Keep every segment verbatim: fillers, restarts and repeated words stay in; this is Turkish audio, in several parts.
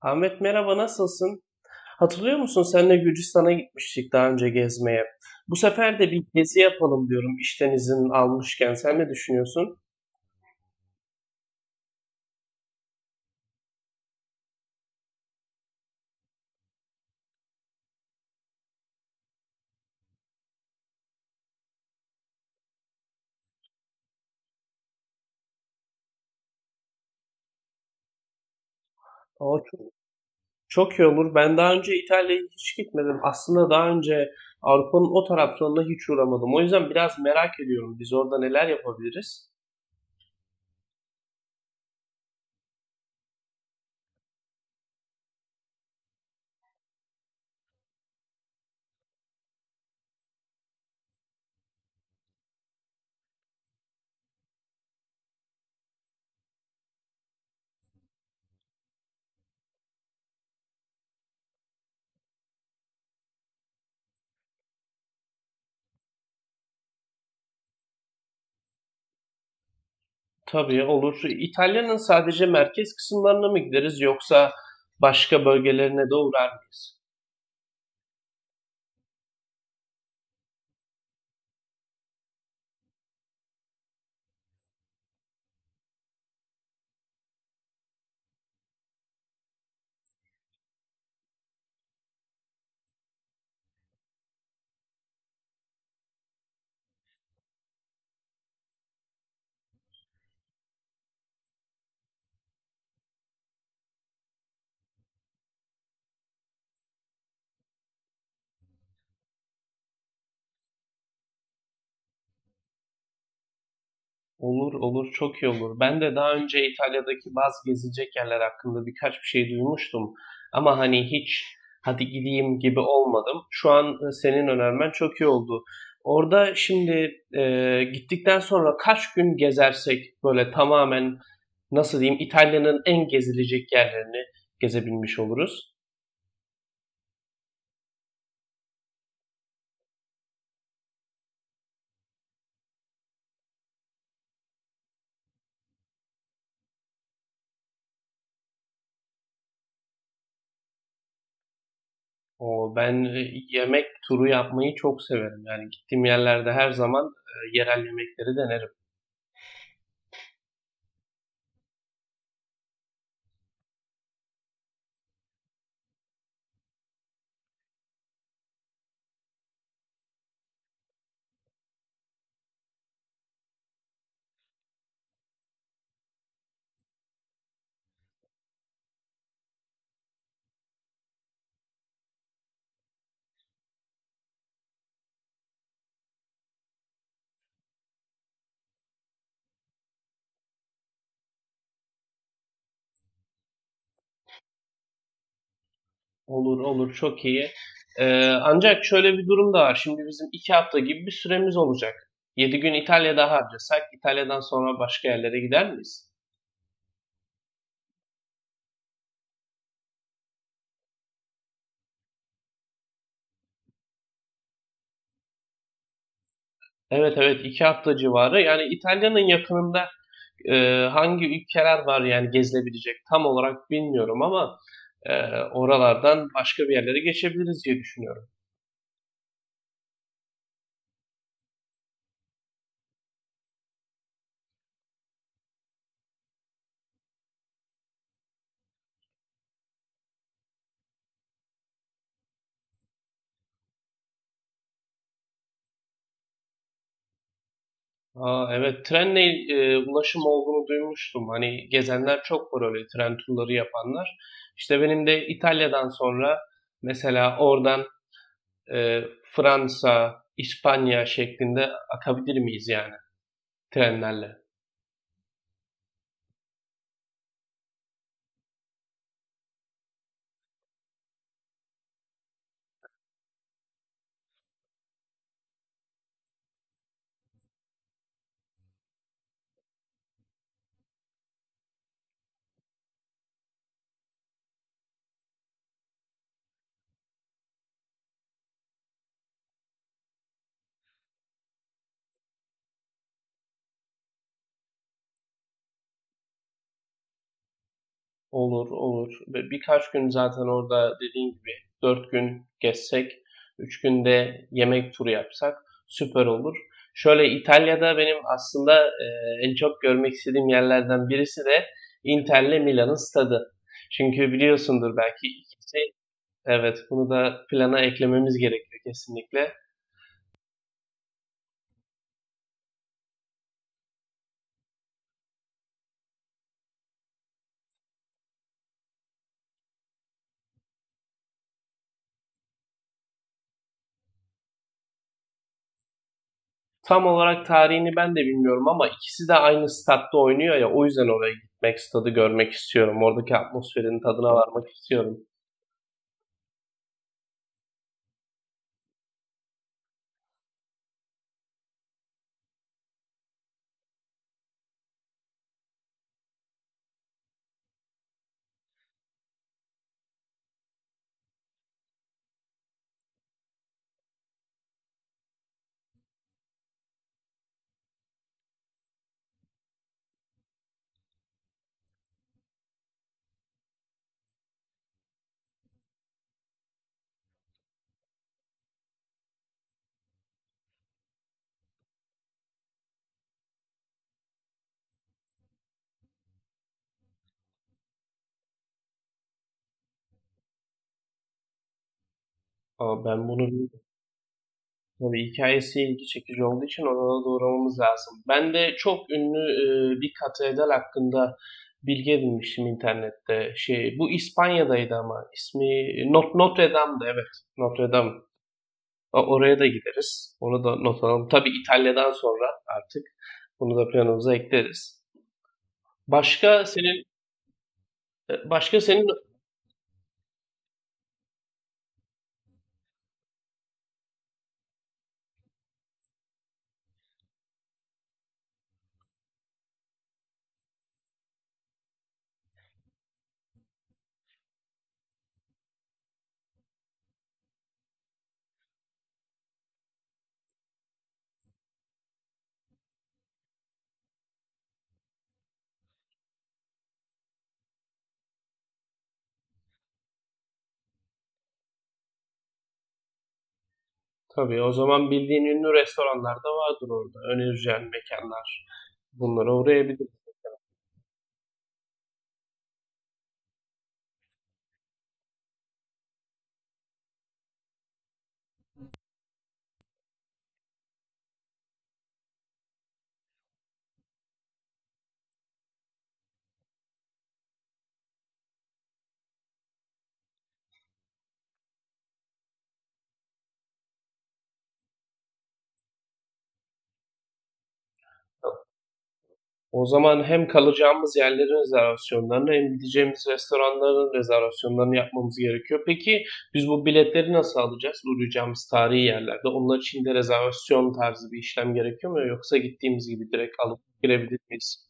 Ahmet merhaba, nasılsın? Hatırlıyor musun, seninle Gürcistan'a gitmiştik daha önce gezmeye? Bu sefer de bir gezi yapalım diyorum işten izin almışken. Sen ne düşünüyorsun? O çok, çok iyi olur. Ben daha önce İtalya'ya hiç gitmedim. Aslında daha önce Avrupa'nın o taraflarına hiç uğramadım. O yüzden biraz merak ediyorum, biz orada neler yapabiliriz? Tabii, olur. İtalya'nın sadece merkez kısımlarına mı gideriz, yoksa başka bölgelerine de uğrar mıyız? Olur olur, çok iyi olur. Ben de daha önce İtalya'daki bazı gezilecek yerler hakkında birkaç bir şey duymuştum. Ama hani hiç hadi gideyim gibi olmadım. Şu an e, senin önermen çok iyi oldu. Orada şimdi e, gittikten sonra kaç gün gezersek böyle tamamen, nasıl diyeyim, İtalya'nın en gezilecek yerlerini gezebilmiş oluruz. O ben e, yemek turu yapmayı çok severim. Yani gittiğim yerlerde her zaman e, yerel yemekleri denerim. Olur olur, çok iyi. E, ancak şöyle bir durum da var. Şimdi bizim iki hafta gibi bir süremiz olacak. Yedi gün İtalya'da harcasak, İtalya'dan sonra başka yerlere gider miyiz? Evet evet, iki hafta civarı. Yani İtalya'nın yakınında e, hangi ülkeler var, yani gezilebilecek, tam olarak bilmiyorum ama e, oralardan başka bir yerlere geçebiliriz diye düşünüyorum. Aa, evet, trenle e, ulaşım olduğunu duymuştum. Hani gezenler çok var, öyle tren turları yapanlar. İşte benim de İtalya'dan sonra mesela oradan e, Fransa, İspanya şeklinde akabilir miyiz yani trenlerle? Olur olur. Bir birkaç gün zaten orada, dediğin gibi dört gün gezsek, üç günde yemek turu yapsak süper olur. Şöyle İtalya'da benim aslında, eee, en çok görmek istediğim yerlerden birisi de Inter'le Milan'ın stadı. Çünkü biliyorsundur, belki ikisi. Evet, bunu da plana eklememiz gerekiyor kesinlikle. Tam olarak tarihini ben de bilmiyorum ama ikisi de aynı statta oynuyor ya, o yüzden oraya gitmek, stadı görmek istiyorum. Oradaki atmosferin tadına varmak istiyorum. Ama ben bunu, tabii hikayesi ilgi çekici olduğu için oraya da uğramamız lazım. Ben de çok ünlü e, bir katedral hakkında bilgi edinmiştim internette. Şey, bu İspanya'daydı ama ismi Not Notre Dame'dı, evet. Notre Dame. O- Oraya da gideriz. Onu da not alalım. Tabii İtalya'dan sonra artık bunu da planımıza ekleriz. Başka senin e, başka senin tabii, o zaman bildiğin ünlü restoranlar da vardır orada. Önereceğin mekanlar. Bunlara uğrayabiliriz. O zaman hem kalacağımız yerlerin rezervasyonlarını hem gideceğimiz restoranların rezervasyonlarını yapmamız gerekiyor. Peki biz bu biletleri nasıl alacağız? Uğrayacağımız tarihi yerlerde onlar için de rezervasyon tarzı bir işlem gerekiyor mu? Yoksa gittiğimiz gibi direkt alıp girebilir miyiz?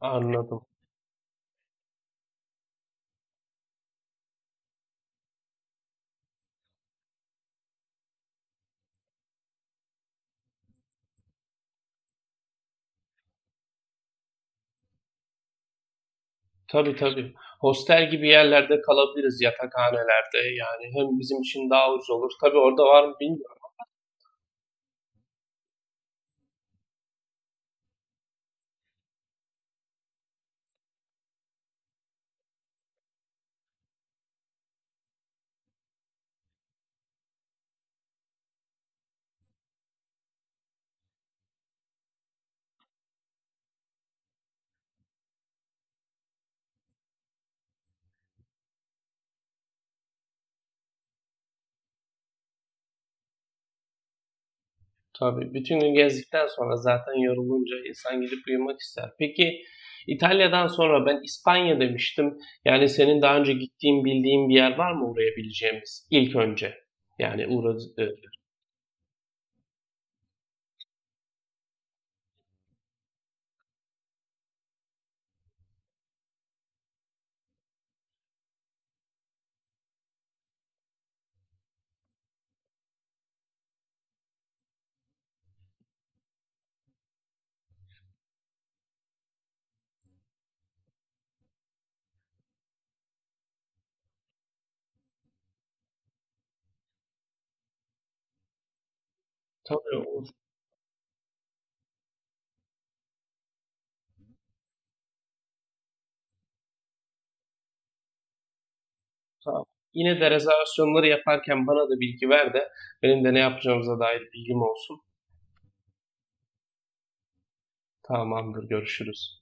Anladım. Tabii tabii. Hostel gibi yerlerde kalabiliriz, yatakhanelerde. Yani hem bizim için daha ucuz olur. Tabii orada var mı, bilmiyorum. Tabii. Bütün gün gezdikten sonra zaten yorulunca insan gidip uyumak ister. Peki İtalya'dan sonra ben İspanya demiştim. Yani senin daha önce gittiğin, bildiğin bir yer var mı uğrayabileceğimiz ilk önce? Yani uğra eee, tabii, olur, tamam. Yine de rezervasyonları yaparken bana da bilgi ver de benim de ne yapacağımıza dair bilgim olsun. Tamamdır, görüşürüz.